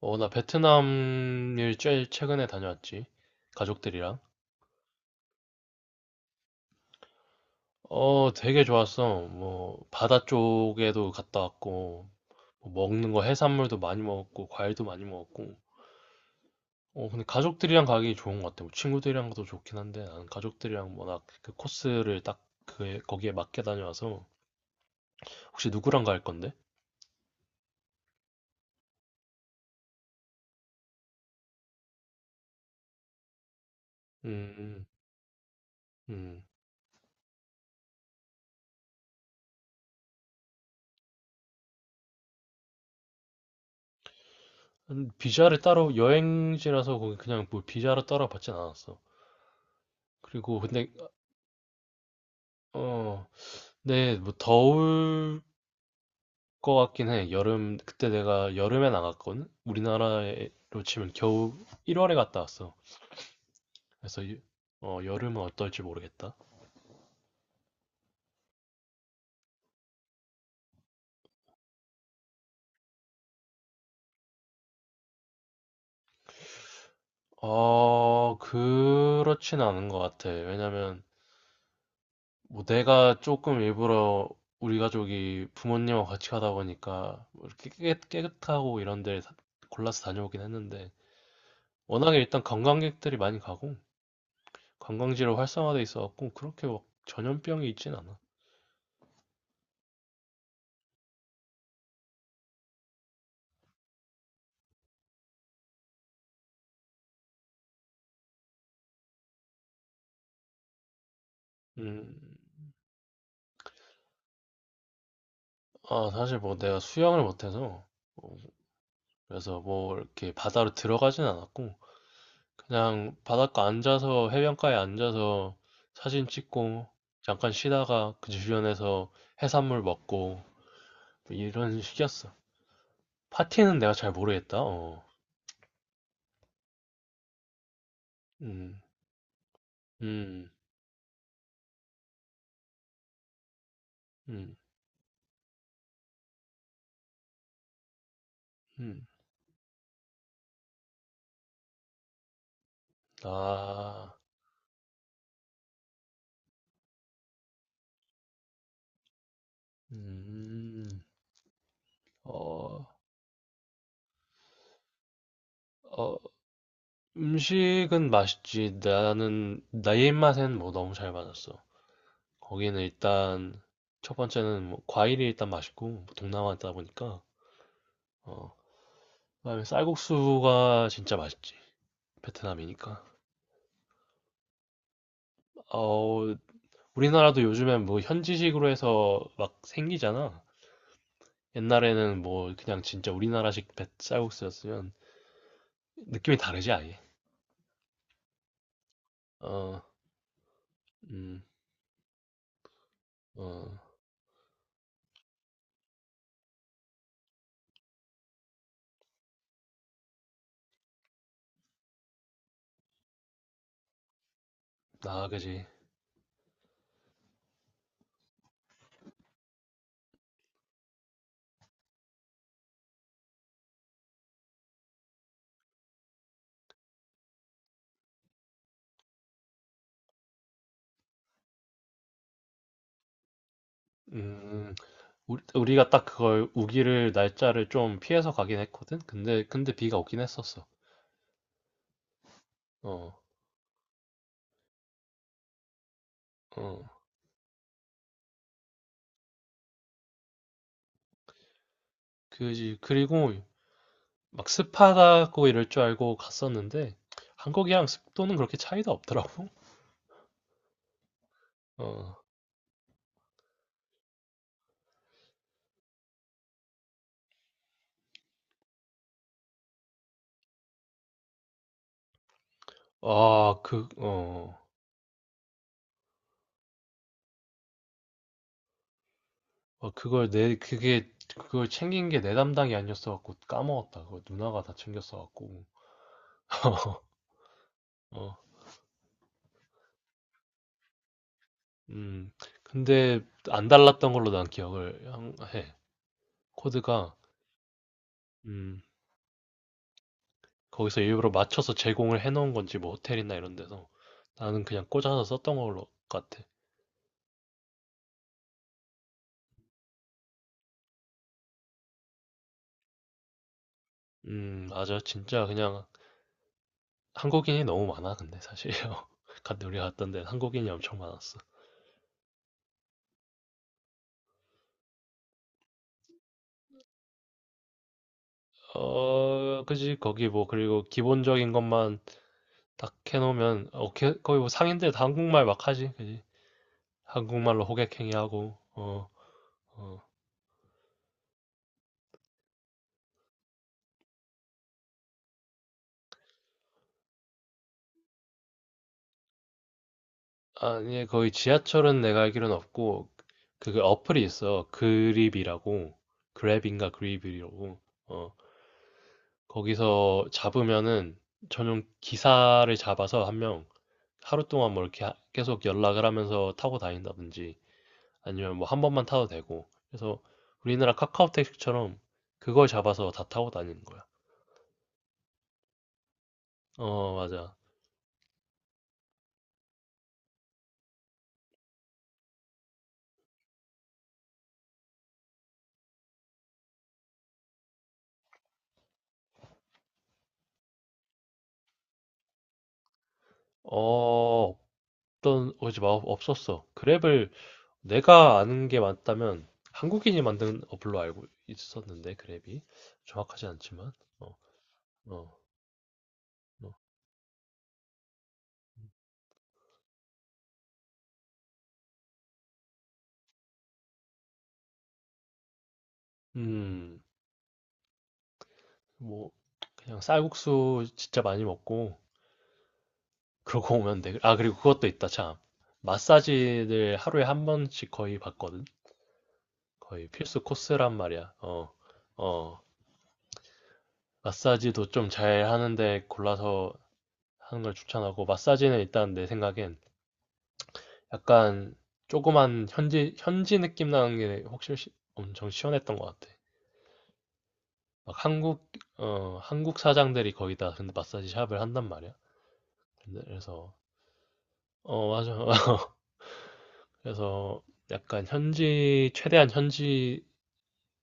나 베트남을 제일 최근에 다녀왔지. 가족들이랑. 되게 좋았어. 뭐, 바다 쪽에도 갔다 왔고, 뭐 먹는 거 해산물도 많이 먹었고, 과일도 많이 먹었고. 근데 가족들이랑 가기 좋은 것 같아. 뭐 친구들이랑도 좋긴 한데, 나는 가족들이랑 워낙 그 코스를 딱 그, 거기에 맞게 다녀와서. 혹시 누구랑 갈 건데? 음, 음. 음. 비자를 따로, 여행지라서 거기 그냥 뭐 비자를 따로 받진 않았어. 그리고 근데, 어, 네, 뭐 더울 것 같긴 해. 여름, 그때 내가 여름에 나갔거든? 우리나라로 치면 겨우 1월에 갔다 왔어. 그래서, 어, 여름은 어떨지 모르겠다. 그렇진 않은 것 같아. 왜냐면, 뭐 내가 조금 일부러 우리 가족이 부모님하고 같이 가다 보니까, 뭐 이렇게 깨끗하고 이런 데 골라서 다녀오긴 했는데, 워낙에 일단 관광객들이 많이 가고, 관광지로 활성화돼 있어갖고, 그렇게 막 전염병이 있진 않아. 음. 아, 사실 뭐 내가 수영을 못해서, 어, 그래서 뭐 이렇게 바다로 들어가진 않았고, 그냥 바닷가 앉아서, 해변가에 앉아서 사진 찍고, 잠깐 쉬다가 그 주변에서 해산물 먹고, 뭐 이런 식이었어. 파티는 내가 잘 모르겠다, 어. 음, 음, 음, 음. 아, 음, 어, 어, 음식은 맛있지. 나는, 나의 입맛엔 뭐 너무 잘 맞았어. 거기는 일단 첫 번째는 뭐 과일이 일단 맛있고 뭐 동남아다 보니까. 어, 그다음에 쌀국수가 진짜 맛있지. 베트남이니까. 어, 우리나라도 요즘엔 뭐 현지식으로 해서 막 생기잖아. 옛날에는 뭐 그냥 진짜 우리나라식 쌀국수였으면 느낌이 다르지 아예. 어음어나. 그지. 음. 우리가 딱 그걸 우기를 날짜를 좀 피해서 가긴 했거든. 근데 비가 오긴 했었어. 어. 어. 그지. 그리고 막 습하다고 이럴 줄 알고 갔었는데 한국이랑 습도는 그렇게 차이도 없더라고. 어. 아, 그, 어. 어, 그걸 챙긴 게 내 담당이 아니었어 갖고 까먹었다. 그거 누나가 다 챙겼어 갖고. 어. 음. 근데 안 달랐던 걸로 난 기억을 해. 코드가. 음. 거기서 일부러 맞춰서 제공을 해놓은 건지 뭐 호텔이나 이런 데서 나는 그냥 꽂아서 썼던 걸로 같아. 맞아. 진짜 그냥 한국인이 너무 많아, 근데 사실요. 갔 우리 갔던 데는 한국인이 엄청 많았어. 어, 그지? 거기 뭐, 그리고 기본적인 것만 딱 해놓으면, 어, 거의 뭐 상인들 다 한국말 막 하지, 그지? 한국말로 호객행위하고, 어, 어. 아니, 거의 지하철은 내가 알기로는 없고, 그 어플이 있어. 그립이라고. 그랩인가 그립이라고. 어, 거기서 잡으면은 전용 기사를 잡아서 한 명, 하루 동안 뭐 이렇게 하 계속 연락을 하면서 타고 다닌다든지 아니면 뭐 한 번만 타도 되고 그래서 우리나라 카카오 택시처럼 그걸 잡아서 다 타고 다니는 거야. 어, 맞아. 어, 없던 오지 마 없었어. 그랩을 내가 아는 게 맞다면 한국인이 만든 어플로 알고 있었는데 그랩이. 정확하지 않지만. 어. 어. 어. 음. 뭐 그냥 쌀국수 진짜 많이 먹고 그러고 오면 돼. 아, 그리고 그것도 있다, 참. 마사지를 하루에 한 번씩 거의 받거든? 거의 필수 코스란 말이야. 어, 어. 마사지도 좀 잘 하는데 골라서 하는 걸 추천하고, 마사지는 일단 내 생각엔 약간 조그만 현지 느낌 나는 게 확실히 엄청 시원했던 것 같아. 막 한국, 어, 한국 사장들이 거의 다 근데 마사지 샵을 한단 말이야. 근데 그래서, 어, 맞아. 그래서 약간 현지, 최대한 현지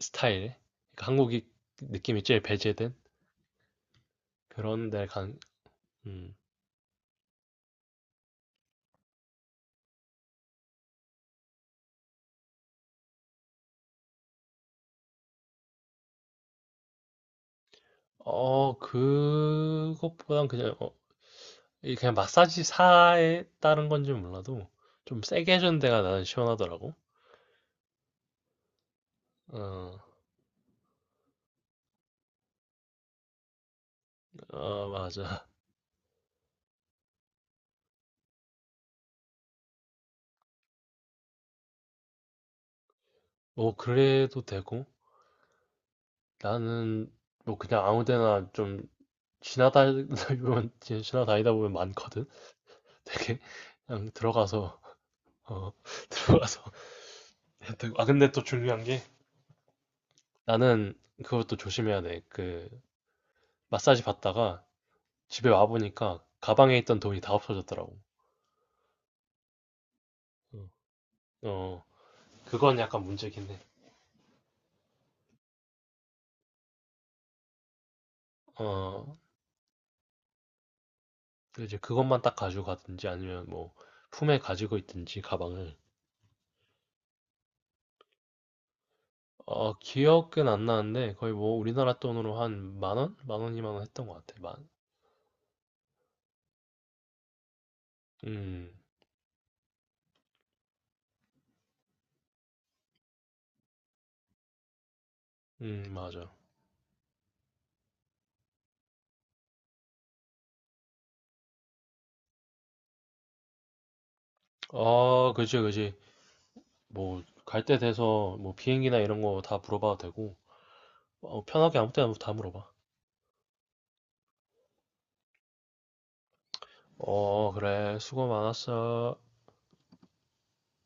스타일, 그러니까 한국이 느낌이 제일 배제된 그런 데를 간, 음. 어, 그것보단 그냥, 어, 이 그냥 마사지사에 따른 건지 몰라도 좀 세게 해준 데가 나는 시원하더라고. 어, 어, 맞아. 뭐, 그래도 되고, 나는 뭐 그냥 아무 데나 좀 지나다니다 보면 많거든? 되게, 그냥 들어가서, 어, 들어가서. 아, 근데 또 중요한 게, 나는 그것도 조심해야 돼. 그, 마사지 받다가 집에 와 보니까 가방에 있던 돈이 다 없어졌더라고. 어, 어, 그건 약간 문제긴 해. 어, 그 이제 그것만 딱 가지고 가든지 아니면 뭐 품에 가지고 있든지 가방을. 어, 기억은 안 나는데 거의 뭐 우리나라 돈으로 한 10,000원? 10,000원, 20,000원 했던 것 같아. 만. 음, 맞아. 아, 그지, 그지. 뭐, 갈 때 돼서 뭐 비행기나 이런 거 다 물어봐도 되고, 어, 편하게 아무 때나 다 물어봐. 어, 그래. 수고 많았어.